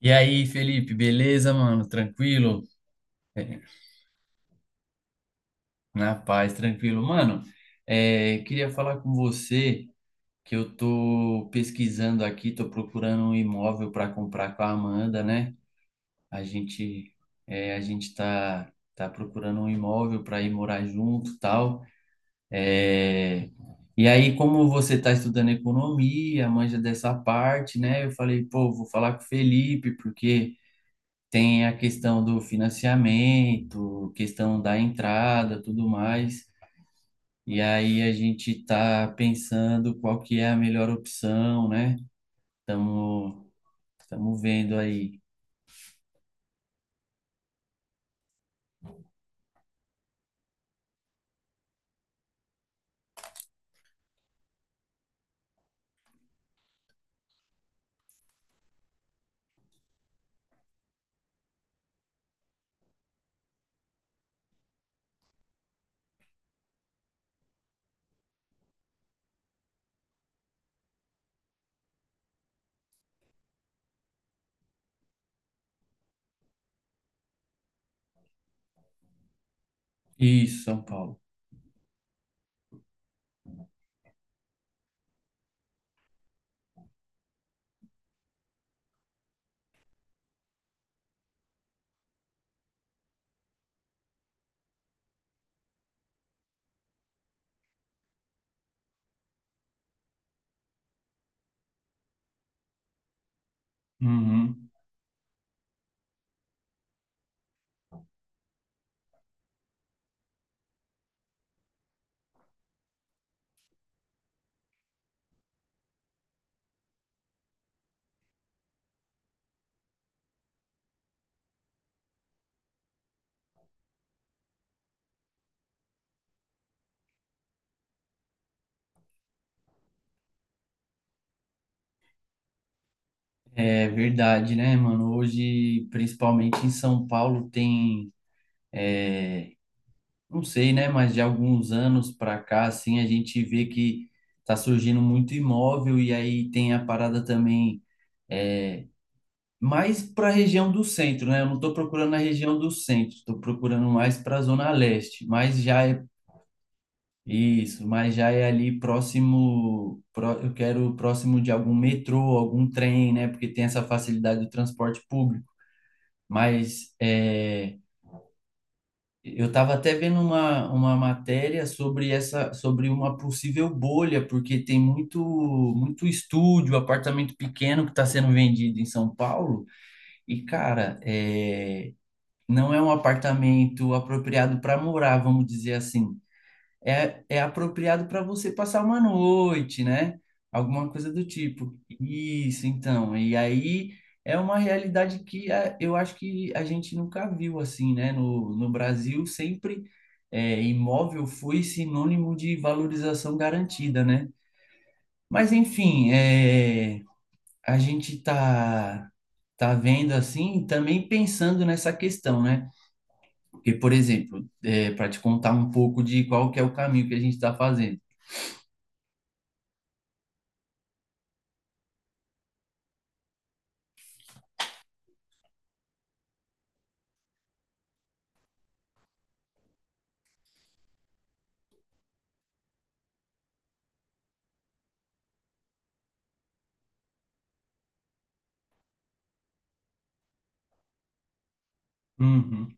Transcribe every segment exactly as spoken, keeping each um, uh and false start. E aí, Felipe, beleza, mano? Tranquilo? Na paz, tranquilo. Mano, é, queria falar com você que eu tô pesquisando aqui, tô procurando um imóvel para comprar com a Amanda, né? A gente, é, a gente tá, tá procurando um imóvel para ir morar junto, e tal. É, E aí, como você tá estudando economia, manja dessa parte, né? Eu falei, pô, vou falar com o Felipe, porque tem a questão do financiamento, questão da entrada, tudo mais. E aí a gente está pensando qual que é a melhor opção, né? Estamos estamos vendo aí. Isso, São Paulo. Uhum. É verdade, né, mano? Hoje, principalmente em São Paulo, tem, não sei, né, mas de alguns anos para cá, assim, a gente vê que tá surgindo muito imóvel e aí tem a parada também mais para a região do centro, né? Eu não estou procurando na região do centro, estou procurando mais para a zona leste, mas já é isso, mas já é ali próximo, pró- eu quero próximo de algum metrô, algum trem, né? Porque tem essa facilidade do transporte público. Mas é, eu estava até vendo uma, uma matéria sobre essa, sobre uma possível bolha, porque tem muito, muito estúdio, apartamento pequeno que está sendo vendido em São Paulo. E, cara, é não é um apartamento apropriado para morar, vamos dizer assim. É, é apropriado para você passar uma noite, né? Alguma coisa do tipo. Isso, então. E aí é uma realidade que é, eu acho que a gente nunca viu assim, né? No, no Brasil, sempre é, imóvel foi sinônimo de valorização garantida, né? Mas, enfim, é, a gente tá, tá vendo assim, também pensando nessa questão, né? Porque, por exemplo, para te contar um pouco de qual que é o caminho que a gente está fazendo. Uhum.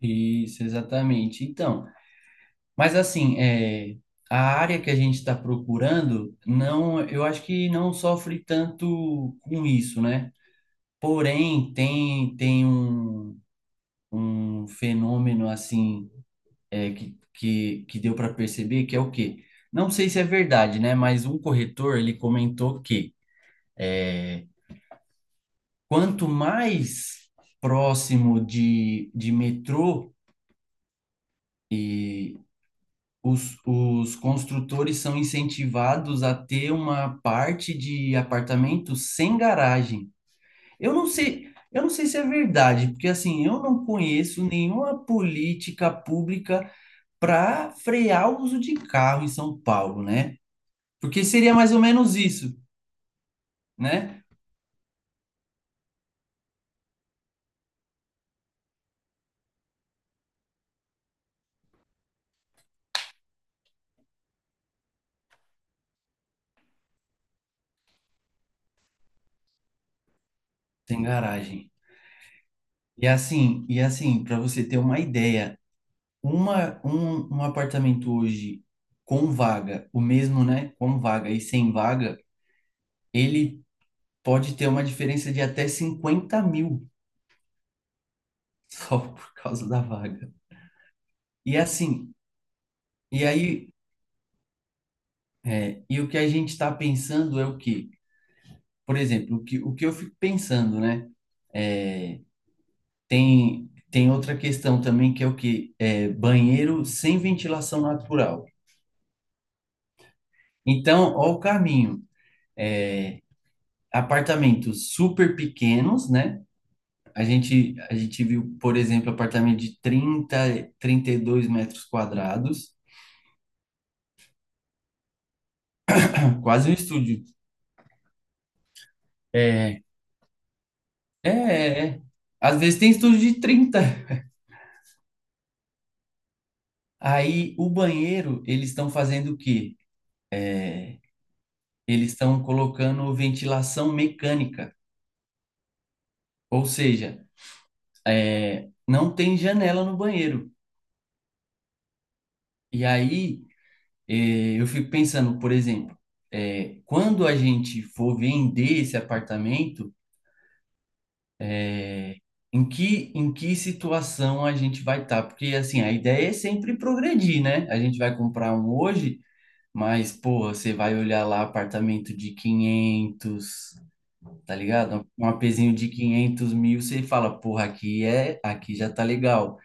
Isso, exatamente. Então, mas assim, é, a área que a gente está procurando, não, eu acho que não sofre tanto com isso, né? Porém, tem, tem um, um fenômeno assim é, que, que, que deu para perceber que é o quê? Não sei se é verdade, né? Mas um corretor ele comentou que quanto mais próximo de, de metrô, e os, os construtores são incentivados a ter uma parte de apartamento sem garagem. Eu não sei, eu não sei se é verdade, porque assim, eu não conheço nenhuma política pública para frear o uso de carro em São Paulo, né? Porque seria mais ou menos isso, né? Sem garagem. E assim, e assim, para você ter uma ideia, Uma, um, um apartamento hoje com vaga, o mesmo, né? Com vaga e sem vaga, ele pode ter uma diferença de até cinquenta mil só por causa da vaga. E assim, e aí, é, e o que a gente está pensando é o quê? Por exemplo, o que, o que eu fico pensando, né? É, tem, tem outra questão também que é o quê? É, banheiro sem ventilação natural. Então, ó o caminho. É, apartamentos super pequenos, né? A gente, a gente viu, por exemplo, apartamento de trinta trinta e dois metros quadrados. Quase um estúdio. É, é, é. É. Às vezes tem estúdio de trinta. Aí o banheiro, eles estão fazendo o quê? Eles estão colocando ventilação mecânica, ou seja, é, não tem janela no banheiro. E aí é, eu fico pensando, por exemplo, é, quando a gente for vender esse apartamento. Em que, em que situação a gente vai estar? Porque, assim, a ideia é sempre progredir, né? A gente vai comprar um hoje, mas, pô, você vai olhar lá apartamento de quinhentos, tá ligado? Um apezinho de quinhentos mil, você fala, porra, aqui é, aqui já tá legal.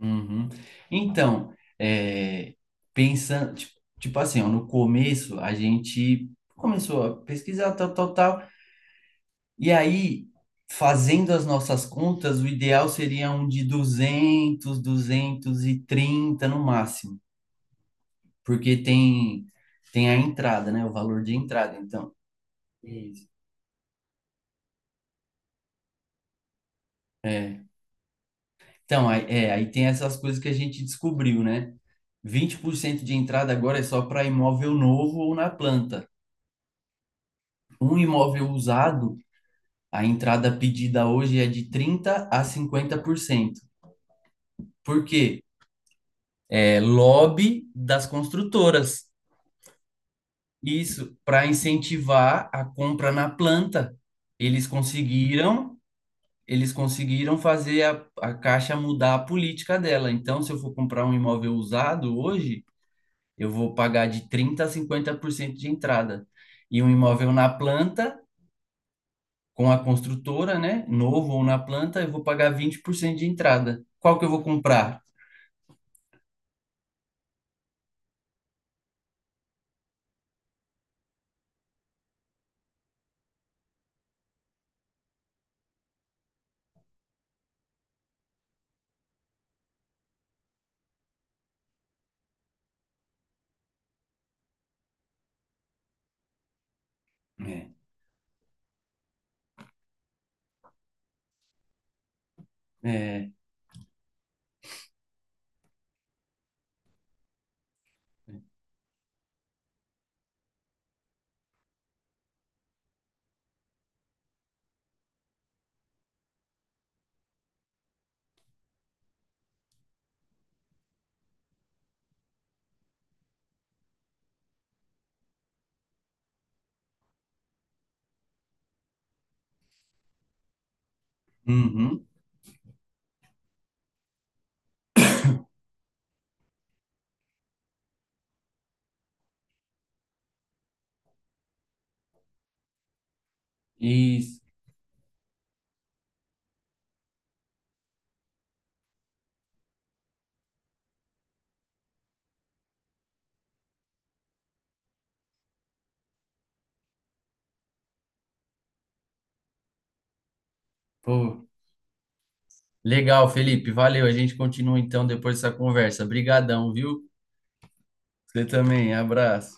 Uhum. Então, é, pensando, tipo, tipo assim, ó, no começo a gente começou a pesquisar, tal, tal, tal. E aí, fazendo as nossas contas, o ideal seria um de duzentos duzentos e trinta no máximo, porque tem tem a entrada, né? O valor de entrada, então. Isso. É. Então, aí, é, aí tem essas coisas que a gente descobriu, né? Vinte por cento de entrada agora é só para imóvel novo ou na planta. Um imóvel usado, a entrada pedida hoje é de trinta a cinquenta por cento. Por cento. Por quê? É lobby das construtoras. Isso, para incentivar a compra na planta. Eles conseguiram, eles conseguiram fazer a, a Caixa mudar a política dela. Então, se eu for comprar um imóvel usado hoje, eu vou pagar de trinta a cinquenta por cento de entrada. E um imóvel na planta, com a construtora, né, novo ou na planta, eu vou pagar vinte por cento de entrada. Qual que eu vou comprar? É, é, uhum, isso. Pô, legal, Felipe. Valeu. A gente continua então depois dessa conversa. Obrigadão, viu? Você também. Abraço.